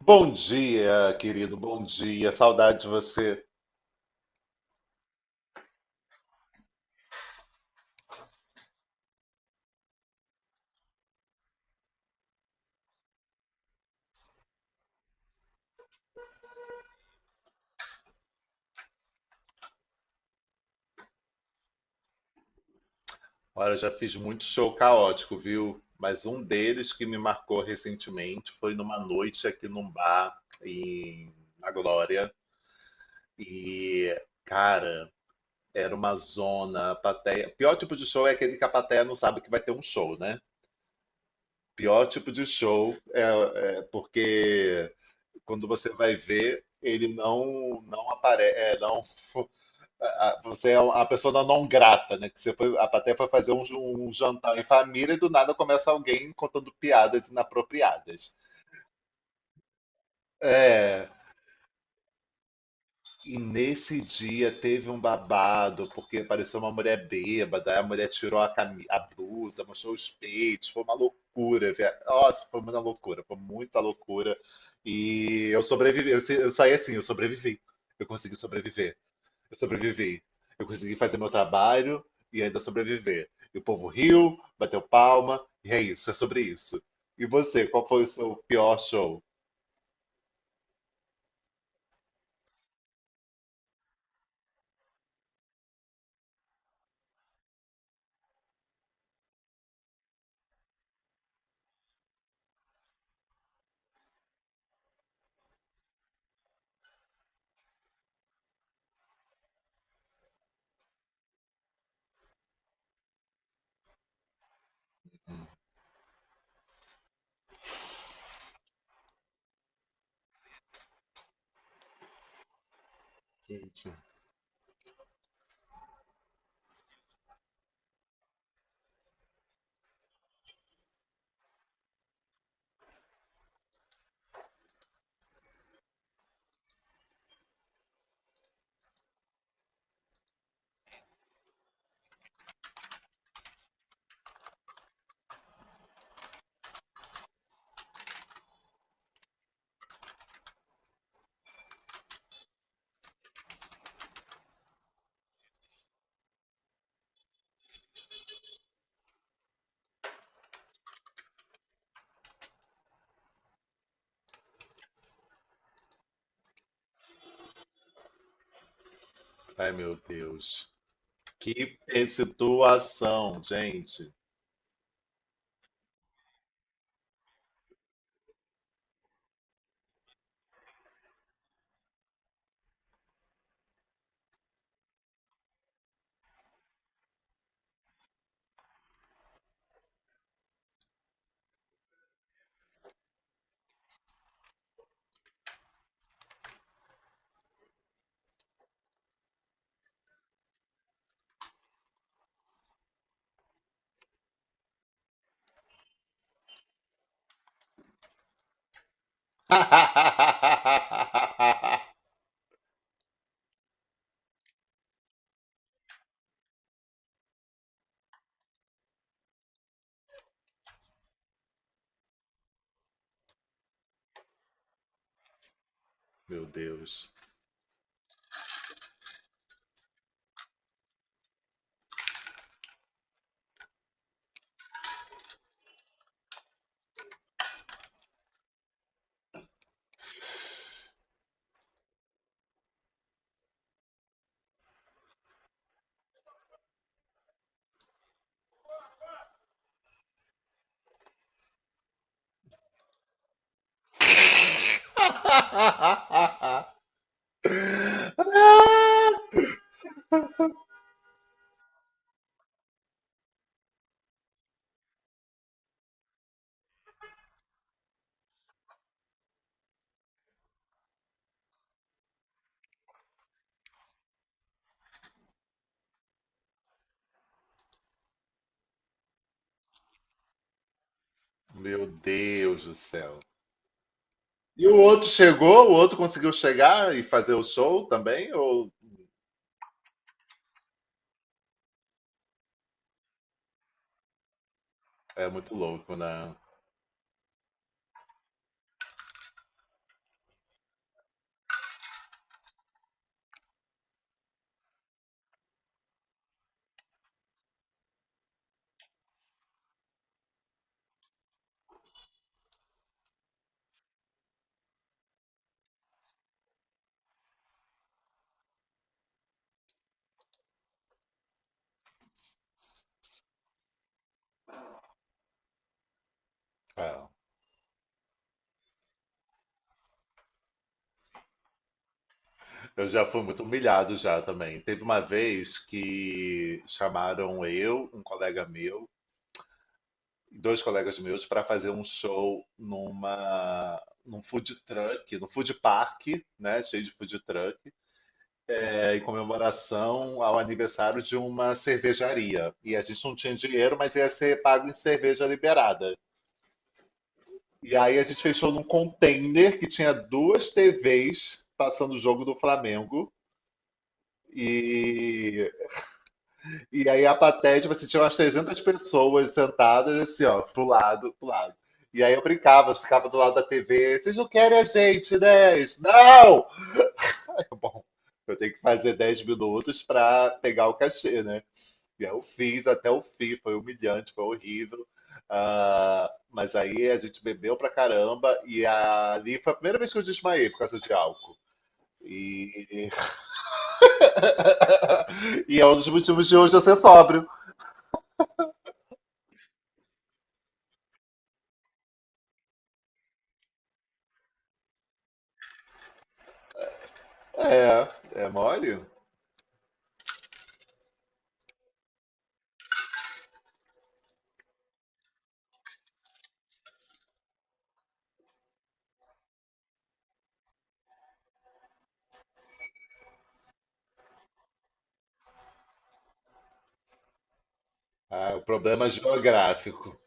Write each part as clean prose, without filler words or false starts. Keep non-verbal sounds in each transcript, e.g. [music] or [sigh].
Bom dia, querido, bom dia. Saudade de você. Olha, eu já fiz muito show caótico, viu? Mas um deles que me marcou recentemente foi numa noite aqui num bar na Glória. E, cara, Era uma zona, a plateia. Pior tipo de show é aquele que a plateia não sabe que vai ter um show, né? Pior tipo de show é porque quando você vai ver, ele não aparece, não. a- Você é um, a pessoa da não grata, né? Que você foi, a plateia foi fazer um jantar em família e do nada começa alguém contando piadas inapropriadas. É, e nesse dia teve um babado, porque apareceu uma mulher bêbada, aí a mulher tirou a blusa, mostrou os peitos, foi uma loucura. Nossa, foi uma loucura, foi muita loucura. E eu sobrevivi, eu, se- eu saí assim, eu sobrevivi. Eu consegui sobreviver. Eu sobrevivi. Eu consegui fazer meu trabalho e ainda sobreviver. E o povo riu, bateu palma, e é isso, é sobre isso. E você, qual foi o seu pior show? Gente, ai meu Deus. Que situação, gente. [laughs] Meu Deus. Meu Deus do céu. E o outro chegou? O outro conseguiu chegar e fazer o show também? Ou é muito louco, né? É, eu já fui muito humilhado já também. Teve uma vez que chamaram eu, um colega meu, dois colegas meus para fazer um show num food truck, no food park, né, cheio de food truck, é, em comemoração ao aniversário de uma cervejaria. E a gente não tinha dinheiro, mas ia ser pago em cerveja liberada. E aí a gente fechou num container que tinha duas TVs passando o jogo do Flamengo. E E aí a plateia, tipo assim, tinha umas 300 pessoas sentadas, assim, ó, pro lado, pro lado. E aí eu brincava, eu ficava do lado da TV, vocês não querem a gente, né? Isso, não! [laughs] Bom, eu tenho que fazer 10 minutos pra pegar o cachê, né? E aí eu fiz até o fim, foi humilhante, foi horrível. Ah, mas aí a gente bebeu pra caramba e ali foi a primeira vez que eu desmaiei por causa de álcool. E, [laughs] e é um dos motivos de hoje eu ser sóbrio. É, é mole? Ah, o problema geográfico.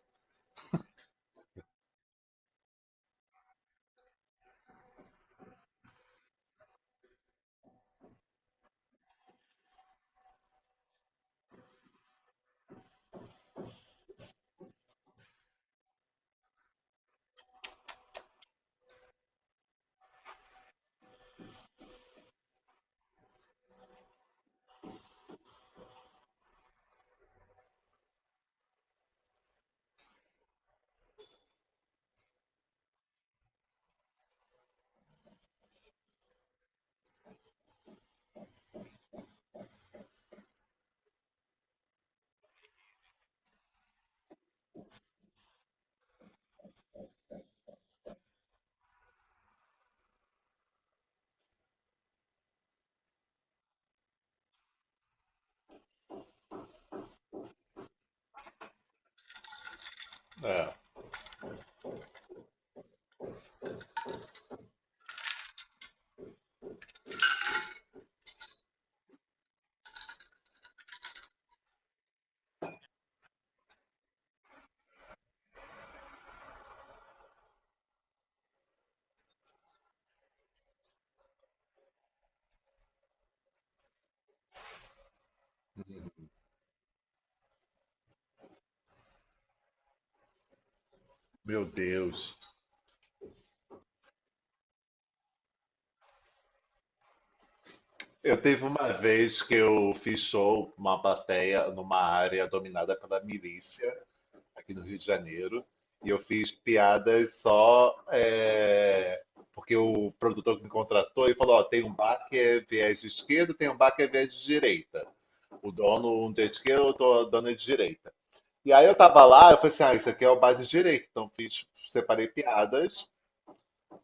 É, meu Deus. Eu teve uma vez que eu fiz show com uma plateia numa área dominada pela milícia, aqui no Rio de Janeiro, e eu fiz piadas só é, porque o produtor que me contratou e falou: ó, tem um bar que é viés de esquerda, tem um bar que é viés de direita. O dono, um de esquerda, o dono é de direita. E aí eu tava lá, eu falei assim: ah, isso aqui é o bar de direita. Então fiz, separei piadas,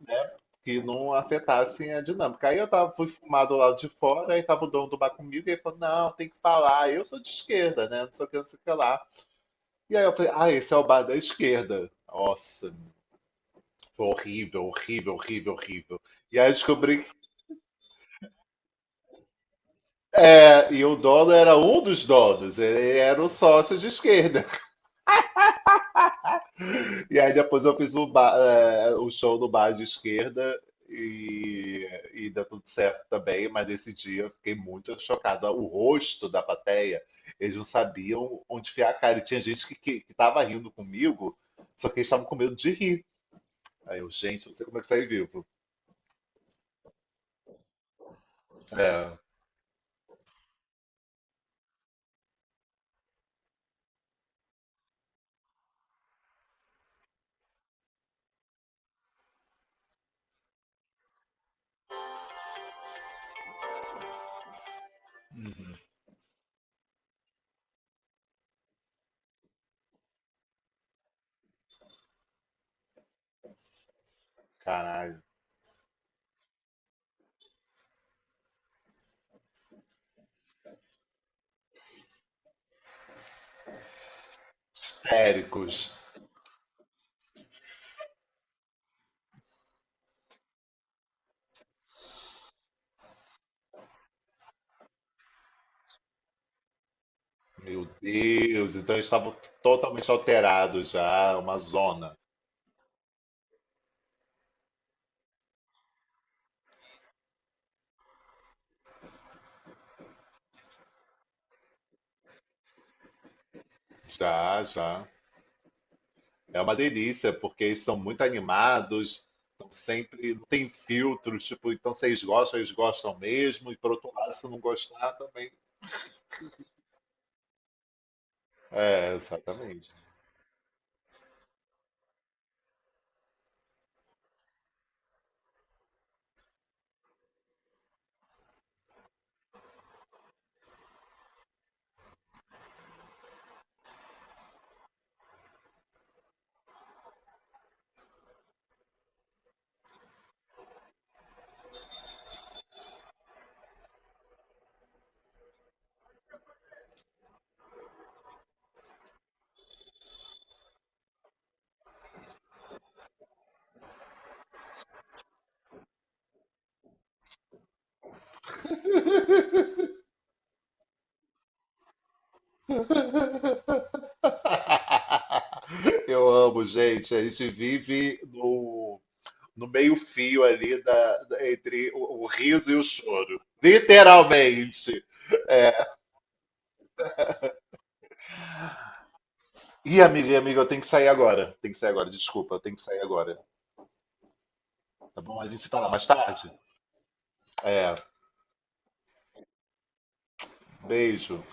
né? Que não afetassem a dinâmica. Aí eu tava, fui fumar do lado de fora, aí tava o dono do bar comigo, e ele falou: não, tem que falar, eu sou de esquerda, né? Não sei o que, não sei o que lá. E aí eu falei: ah, esse é o bar da esquerda. Nossa, foi horrível, horrível, horrível, horrível. E aí eu descobri que. É, e o dono era um dos donos, ele era o sócio de esquerda. E aí depois eu fiz o show no bar de esquerda e, e deu tudo certo também, mas nesse dia eu fiquei muito chocado. O rosto da plateia, eles não sabiam onde enfiar a cara. E tinha gente que tava rindo comigo, só que eles estavam com medo de rir. Aí eu, gente, não sei como é que saí vivo. É, caralho. Histéricos. Meu Deus. Então eles estavam totalmente alterados já, uma zona. Já, já. É uma delícia, porque eles são muito animados, estão sempre, não tem filtros, tipo, então se eles gostam, eles gostam mesmo, e por outro lado, se não gostar também. É, exatamente. [laughs] Eu amo, gente. A gente vive no meio-fio ali entre o riso e o choro. Literalmente. Ih, amiga e amiga, eu tenho que sair agora. Tem que sair agora, desculpa, eu tenho que sair agora. Tá bom? A gente se fala mais tarde? É, beijo.